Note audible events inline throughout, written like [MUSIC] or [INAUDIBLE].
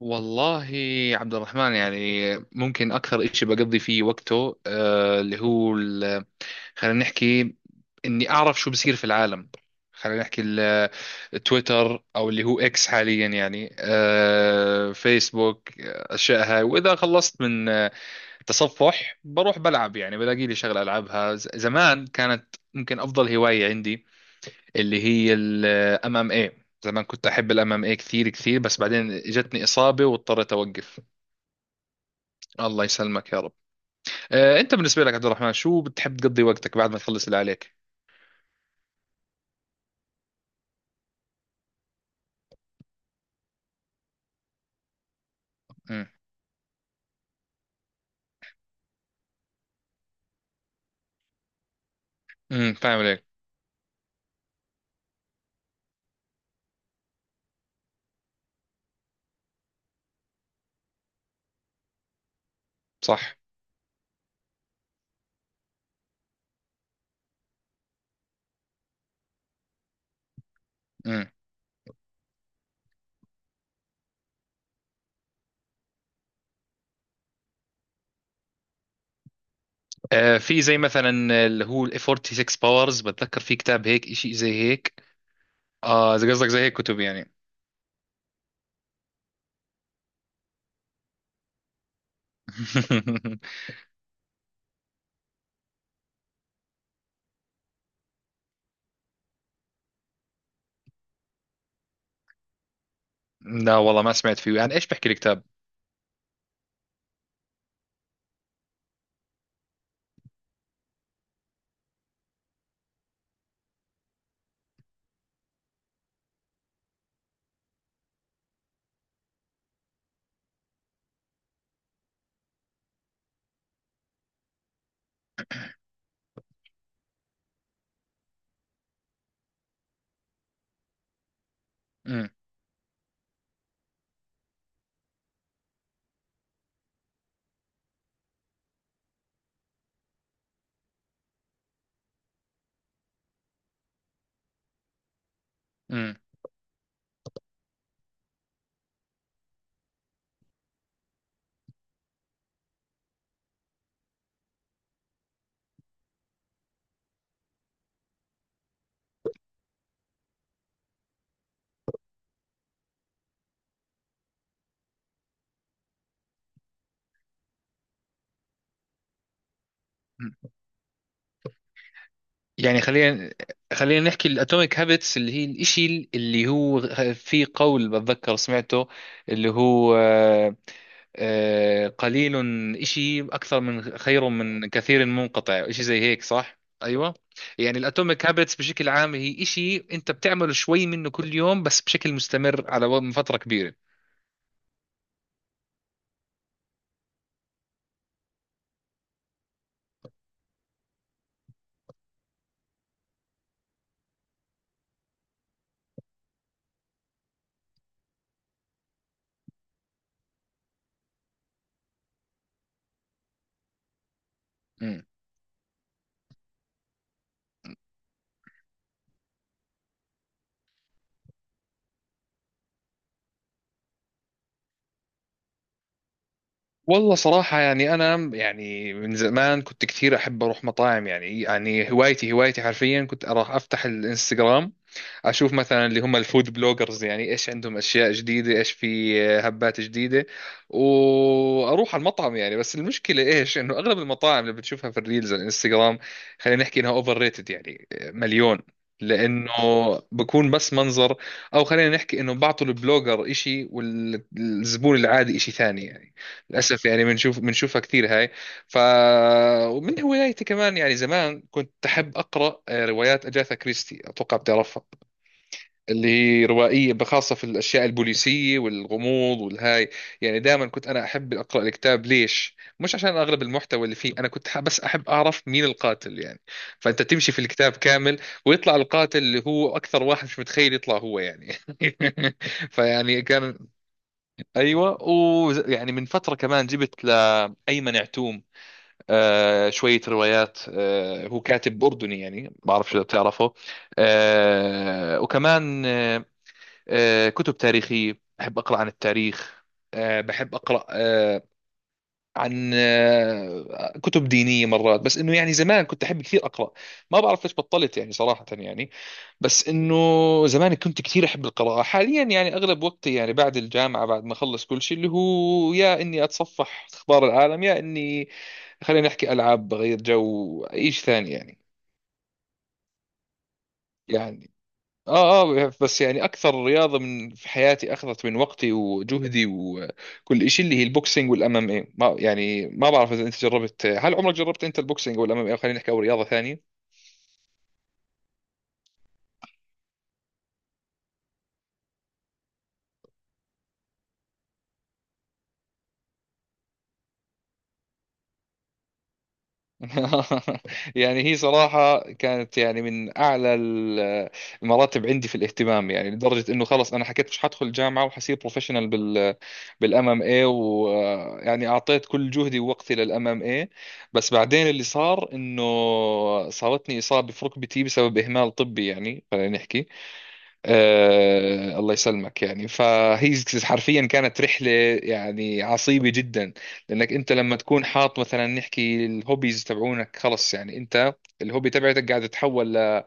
والله، عبد الرحمن، يعني ممكن أكثر إشي بقضي فيه وقته، خلينا نحكي إني أعرف شو بصير في العالم. خلينا نحكي تويتر أو اللي هو إكس حاليا، يعني فيسبوك، أشياء هاي. وإذا خلصت من تصفح بروح بلعب، يعني بلاقي لي شغلة ألعبها. زمان كانت ممكن أفضل هواية عندي اللي هي الام ام اي. زمان كنت احب الام ام اي كثير كثير، بس بعدين جتني اصابه واضطريت اوقف. الله يسلمك يا رب. انت بالنسبه لك، عبد الرحمن، شو بتحب تقضي وقتك بعد ما تخلص اللي عليك؟ امم. امم، فاهم عليك. صح. امم. في زي مثلا اللي هو ال 46 باورز، بتذكر في كتاب هيك شيء زي هيك؟ اه، اذا قصدك زي هيك كتب يعني. [LAUGHS] لا والله، ما سمعت فيه. يعني ايش بحكي الكتاب؟ امم. امم. يعني خلينا نحكي الاتوميك هابتس، اللي هي الاشي اللي هو في قول بتذكر سمعته اللي هو، قليل اشي اكثر من خير من كثير منقطع، اشي زي هيك، صح؟ ايوه. يعني الاتوميك هابتس بشكل عام هي اشي انت بتعمله شوي منه كل يوم، بس بشكل مستمر على فترة كبيرة. مم. والله صراحة يعني أنا، يعني من زمان كنت كثير أحب أروح مطاعم. يعني يعني هوايتي، هوايتي حرفيا كنت أروح أفتح الإنستغرام، اشوف مثلا اللي هم الفود بلوجرز، يعني ايش عندهم اشياء جديده، ايش في هبات جديده، واروح على المطعم. يعني بس المشكله ايش، انه اغلب المطاعم اللي بتشوفها في الريلز على الانستغرام، خلينا نحكي انها اوفر ريتد يعني مليون، لانه بكون بس منظر. او خلينا نحكي انه بعطوا البلوجر اشي والزبون العادي اشي ثاني يعني. للاسف يعني بنشوفها كثير هاي. ف، ومن هوايتي كمان، يعني زمان كنت أحب أقرأ روايات أجاثا كريستي، أتوقع بتعرفها. اللي هي روائية خاصة في الأشياء البوليسية والغموض والهاي. يعني دائما كنت أنا أحب أقرأ الكتاب. ليش؟ مش عشان أغلب المحتوى اللي فيه، أنا كنت بس أحب أعرف مين القاتل يعني. فأنت تمشي في الكتاب كامل، ويطلع القاتل اللي هو أكثر واحد مش متخيل يطلع هو يعني. [LAUGHS] فيعني كان، أيوة. ويعني من فترة كمان جبت لأيمن عتوم آه شوية روايات. آه، هو كاتب أردني، يعني ما بعرف شو بتعرفه. آه، وكمان كتب تاريخية، بحب أقرأ عن التاريخ. بحب أقرأ عن كتب دينية مرات. بس إنه يعني زمان كنت أحب كثير أقرأ، ما بعرف ليش بطلت يعني صراحة. يعني بس إنه زمان كنت كثير أحب القراءة. حاليا يعني أغلب وقتي يعني بعد الجامعة، بعد ما أخلص كل شيء، اللي هو يا إني أتصفح أخبار العالم، يا إني خلينا نحكي ألعاب، بغير جو، أي شيء ثاني يعني. يعني اه، اه، بس يعني اكثر رياضه من في حياتي اخذت من وقتي وجهدي وكل شيء، اللي هي البوكسينج والام ام اي. ما يعني ما بعرف اذا انت جربت، هل عمرك جربت انت البوكسينج والام ام اي خلينا نحكي او رياضه ثانيه؟ [LAUGHS] يعني هي صراحة كانت يعني من أعلى المراتب عندي في الاهتمام، يعني لدرجة إنه خلص أنا حكيت مش حدخل جامعة وحصير بروفيشنال بالام ام اي، ويعني أعطيت كل جهدي ووقتي للام ام اي. بس بعدين اللي صار إنه صارتني إصابة في ركبتي بسبب إهمال طبي، يعني خلينا نحكي. آه، الله يسلمك. يعني فهي حرفيا كانت رحلة يعني عصيبة جدا. لأنك أنت لما تكون حاط مثلا نحكي الهوبيز تبعونك، خلص يعني أنت الهوبي تبعتك قاعد تتحول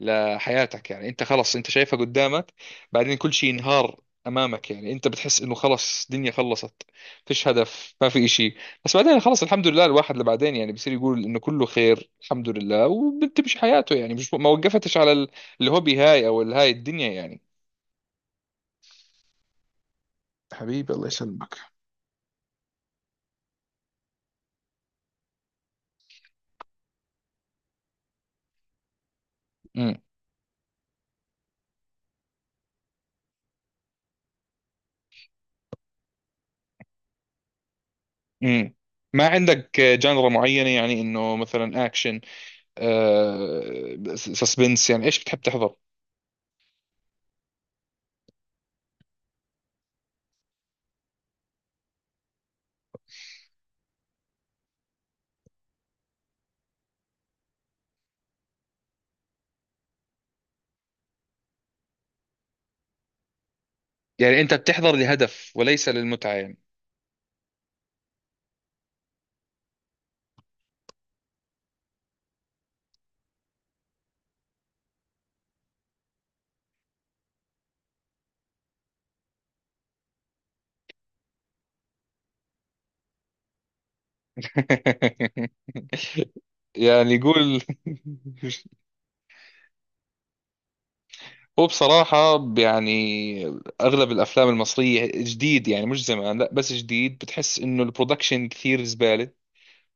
لحياتك، يعني أنت خلص أنت شايفها قدامك. بعدين كل شيء ينهار أمامك، يعني أنت بتحس إنه خلص الدنيا خلصت، فيش هدف، ما في إشي. بس بعدين خلص، الحمد لله، الواحد اللي بعدين يعني بصير يقول إنه كله خير الحمد لله، وبتمشي حياته يعني، مش ما وقفتش على الهوبي هاي أو الهاي الدنيا يعني. حبيبي الله يسلمك. امم. امم. ما عندك جانرا معينة يعني، انه مثلا اكشن، آه سسبنس، يعني ايش بتحب تحضر؟ يعني انت بتحضر لهدف وليس للمتعة يعني؟ [LAUGHS] يعني قول، هو بصراحة يعني اغلب الافلام المصرية جديد، يعني مش زمان لا، بس جديد، بتحس انه البرودكشن كثير زبالة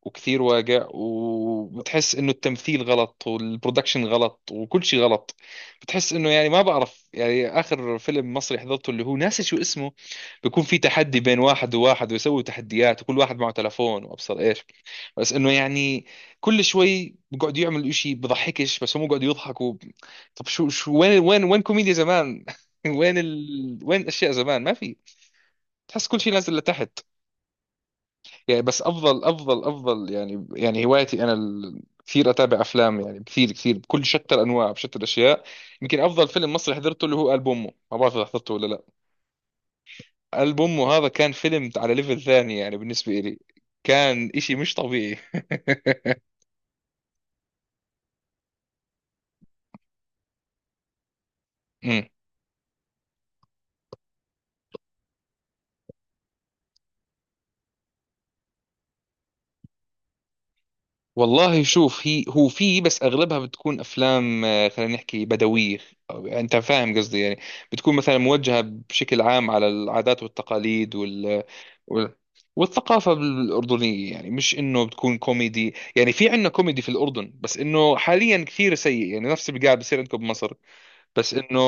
وكثير واقع، وبتحس انه التمثيل غلط والبرودكشن غلط وكل شيء غلط. بتحس انه يعني ما بعرف، يعني اخر فيلم مصري حضرته اللي هو ناسي شو اسمه، بيكون في تحدي بين واحد وواحد، ويسوي تحديات وكل واحد معه تلفون وابصر ايش. بس انه يعني كل شوي بقعد يعمل اشي بضحكش، بس هم بقعدوا يضحكوا. طب شو، شو، وين، وين، وين كوميديا زمان؟ [LAUGHS] وين الاشياء زمان؟ ما في. تحس كل شيء نازل لتحت، يعني. بس افضل، افضل، افضل يعني. يعني هوايتي انا كثير اتابع افلام، يعني كثير كثير، بكل شتى الانواع بشتى الاشياء. يمكن افضل فيلم مصري حضرته اللي هو قلب امه، ما بعرف اذا حضرته ولا لا. قلب امه، هذا كان فيلم على ليفل ثاني يعني بالنسبه لي. كان اشي مش طبيعي. [LAUGHS] والله شوف، هي هو في، بس اغلبها بتكون افلام، خلينا نحكي بدويه. انت فاهم قصدي يعني. بتكون مثلا موجهه بشكل عام على العادات والتقاليد، وال- والثقافة الأردنية. يعني مش إنه بتكون كوميدي، يعني في عندنا كوميدي في الأردن، بس إنه حاليا كثير سيء، يعني نفس اللي قاعد بصير عندكم بمصر. بس إنه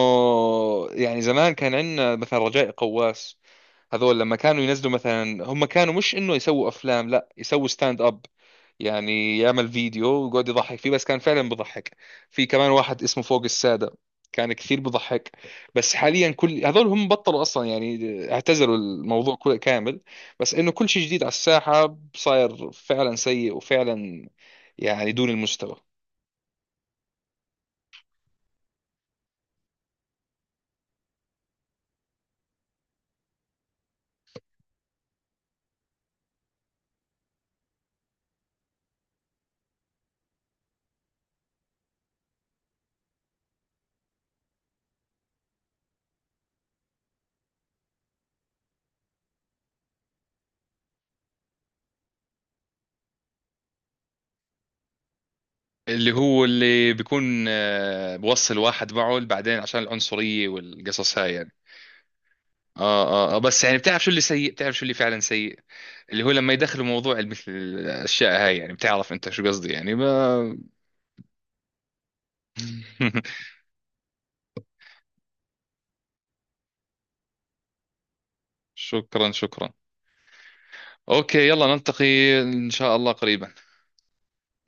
يعني زمان كان عندنا مثلا رجاء قواس. هذول لما كانوا ينزلوا، مثلا هم كانوا مش إنه يسووا أفلام، لا يسووا ستاند أب. يعني يعمل فيديو ويقعد يضحك فيه، بس كان فعلا بضحك. في كمان واحد اسمه فوق السادة، كان كثير بضحك. بس حاليا كل هذول هم بطلوا اصلا، يعني اعتزلوا الموضوع كامل. بس انه كل شيء جديد على الساحة صاير فعلا سيء، وفعلا يعني دون المستوى. اللي هو اللي بيكون، بوصل واحد معه بعدين عشان العنصرية والقصص هاي يعني. اه. اه، بس يعني بتعرف شو اللي سيء، بتعرف شو اللي فعلا سيء. اللي هو لما يدخلوا موضوع مثل الاشياء هاي، يعني بتعرف انت شو قصدي يعني. ما، [LAUGHS] شكرا، شكرا. اوكي، يلا نلتقي ان شاء الله قريبا.